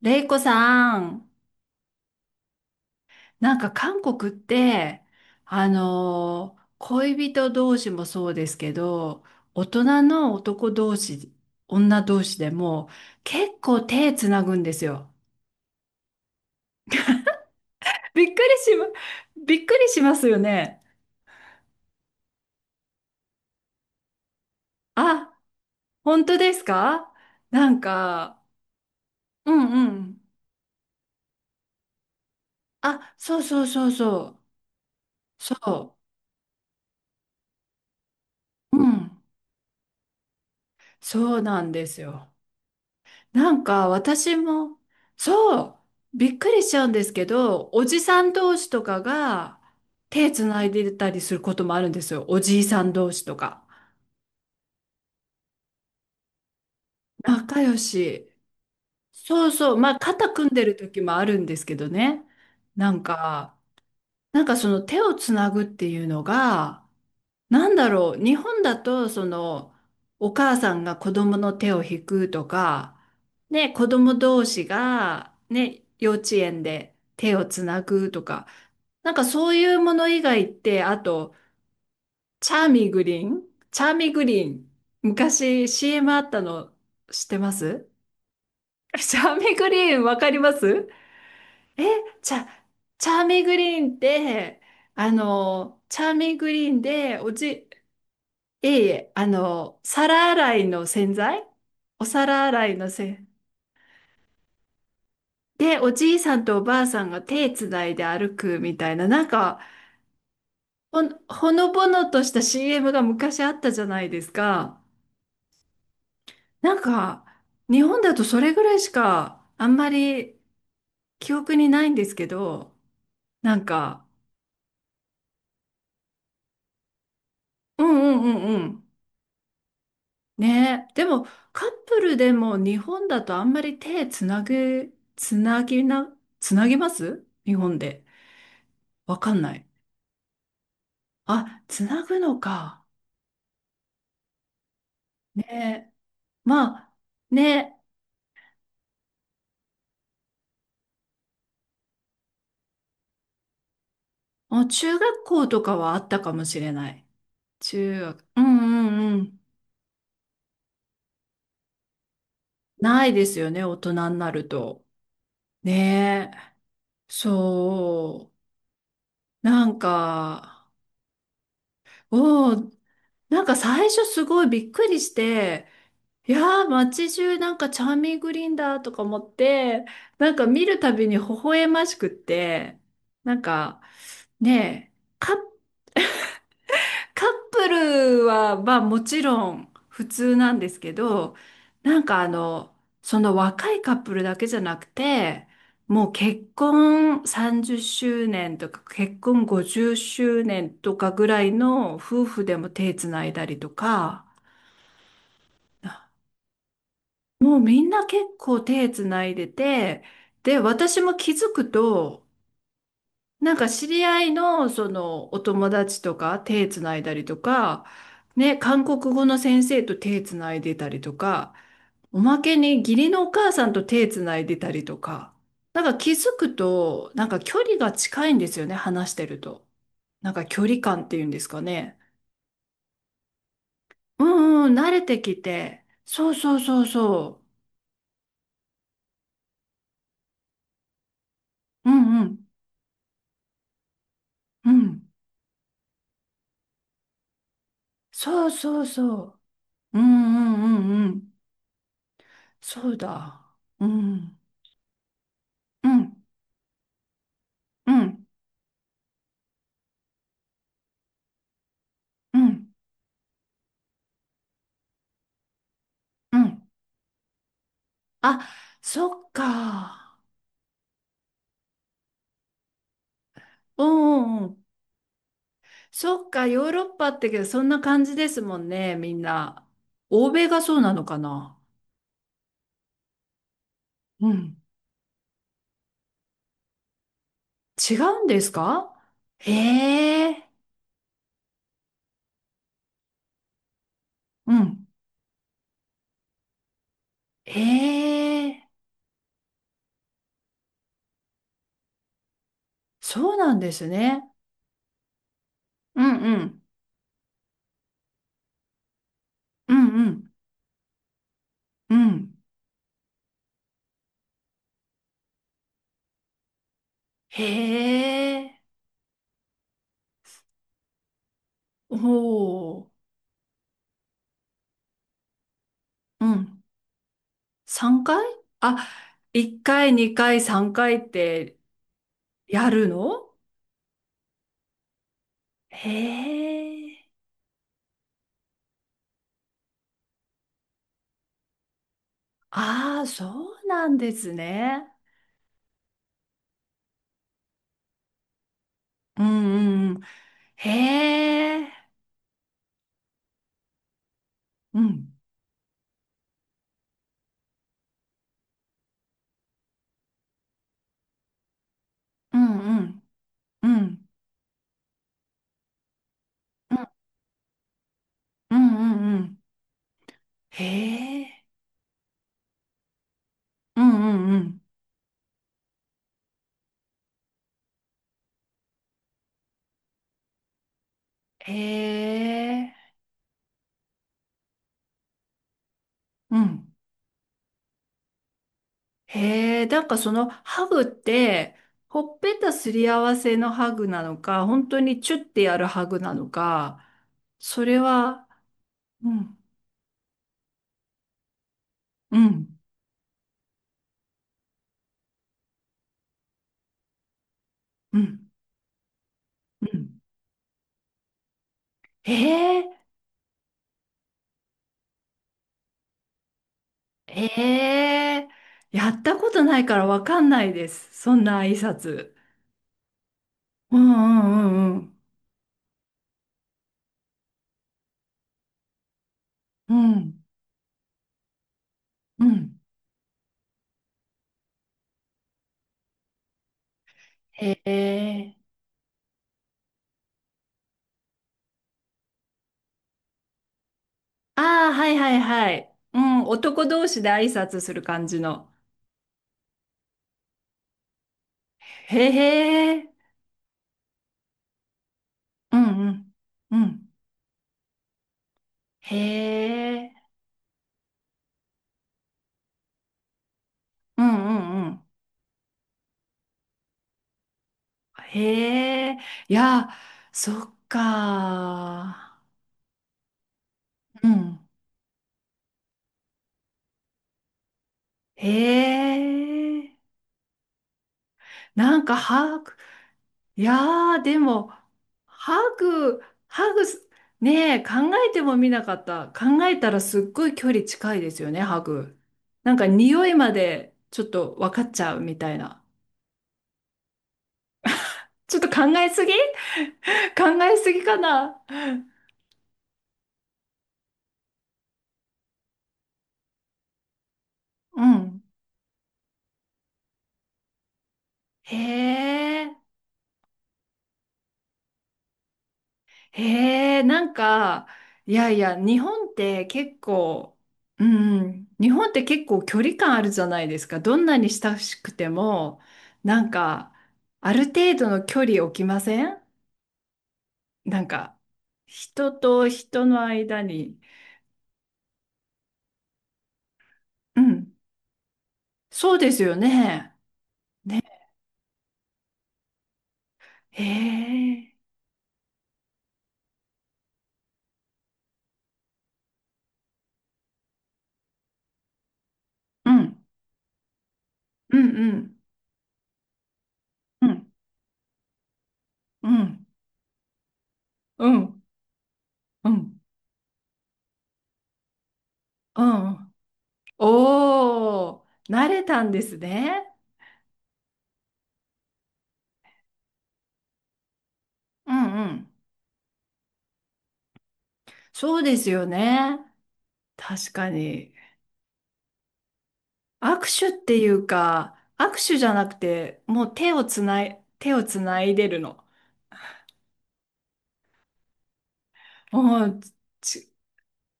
レイコさん、韓国って、恋人同士もそうですけど、大人の男同士、女同士でも結構手つなぐんですよ。びっくりしま、びっくりしますよね。あ、本当ですか？なんか、うんうん。あ、そうそうそうそう。そう。うん。そうなんですよ。私も、そう、びっくりしちゃうんですけど、おじさん同士とかが手つないでたりすることもあるんですよ。おじいさん同士とか。仲良し。そうそう、まあ肩組んでる時もあるんですけどね。なんか、その手をつなぐっていうのが、なんだろう、日本だと、その、お母さんが子供の手を引くとか、ね、子供同士が、ね、幼稚園で手をつなぐとか、なんかそういうもの以外って、あと、チャーミーグリーンチャーミーグリーン。昔 CM あったの知ってます？ チャーミーグリーンわかります？え、チャ、チャーミーグリーンって、あの、チャーミーグリーンでおじ、いえいえ、あの、皿洗いの洗剤。お皿洗いの洗。で、おじいさんとおばあさんが手つないで歩くみたいな、なんか、ほのぼのとした CM が昔あったじゃないですか。なんか、日本だとそれぐらいしか、あんまり記憶にないんですけど、なんか、うんうんうんうん。ねえ。でも、カップルでも日本だとあんまり手つなぐ、つなぎな、つなぎます？日本で。わかんない。あ、つなぐのか。ね。まあ、ね。あ、中学校とかはあったかもしれない。中学。うんうんうん。ないですよね、大人になると。ねえ。そう。なんか、おお、なんか最初すごいびっくりして、いやー、街中なんかチャーミングリンダーとか思って、なんか見るたびに微笑ましくって、なんか、ねえ、カッカップルは、まあもちろん普通なんですけど、なんかあの、その若いカップルだけじゃなくて、もう結婚30周年とか結婚50周年とかぐらいの夫婦でも手つないだりとか、もうみんな結構手つないでて、で、私も気づくと、なんか知り合いのそのお友達とか手つないだりとか、ね、韓国語の先生と手つないでたりとか、おまけに義理のお母さんと手つないでたりとか、なんか気づくと、なんか距離が近いんですよね、話してると。なんか距離感っていうんですかね。うんうん、慣れてきて。そうそうそうそう。うんうん、うん。そうそうそう。うんうんうんうん。そうだ。うん、うん、うん。うん、うん。あ、そっか。うんうんうん。そっか、ヨーロッパってけど、そんな感じですもんね、みんな。欧米がそうなのかな。うん。違うんですか？へえ。うん。へえ。そうなんですね。うんうん。うんうんうん。へえ。おお。うん。3回？あ、1回、2回、3回ってやるの？へえ。ああ、そうなんですね。うんうんうん。へえ。うん。うんうんうん。うんうんうんうん。へえ。うんうんうん。へえ。うん。へえ。なんかそのハグって、ほっぺたすり合わせのハグなのか、本当にチュッてやるハグなのか、それは、うんうんうんうん。へえ。ええ、やったことないからわかんないです。そんな挨拶。うんうんうんうん。うんうん。へえ。ああ、はいはいはい。うん、男同士で挨拶する感じの。へえ。うんうんうん。へえ。うんうんうん。へえ。いや、そっか。うん。へえ。なんか、は、いやー、でも、ハグ、ハグす、ねえ、えてもみなかった。考えたらすっごい距離近いですよね、ハグ。なんか匂いまでちょっと分かっちゃうみたいな。ちょっと考えすぎ 考えすぎかな？うん。へえ。へえ、なんか、日本って結構、うん、日本って結構距離感あるじゃないですか。どんなに親しくても、なんか、ある程度の距離置きません？なんか、人と人の間に。うん、そうですよね。へえ、うん、うん、うん、うん、うん、うん、うん、うん。おー、慣れたんですね。うん、うん。そうですよね。確かに。握手っていうか、握手じゃなくて、もう手をつないでるの。もう、ち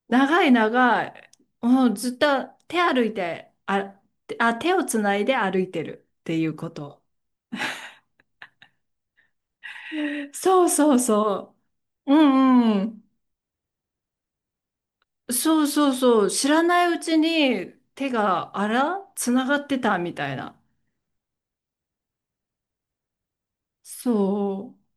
長い長い。もうずっと手歩いて、あ、あ、手をつないで歩いてるっていうこと。そうそうそう。うんうん。そうそうそう。知らないうちに手が、あら、つながってたみたいな。そう。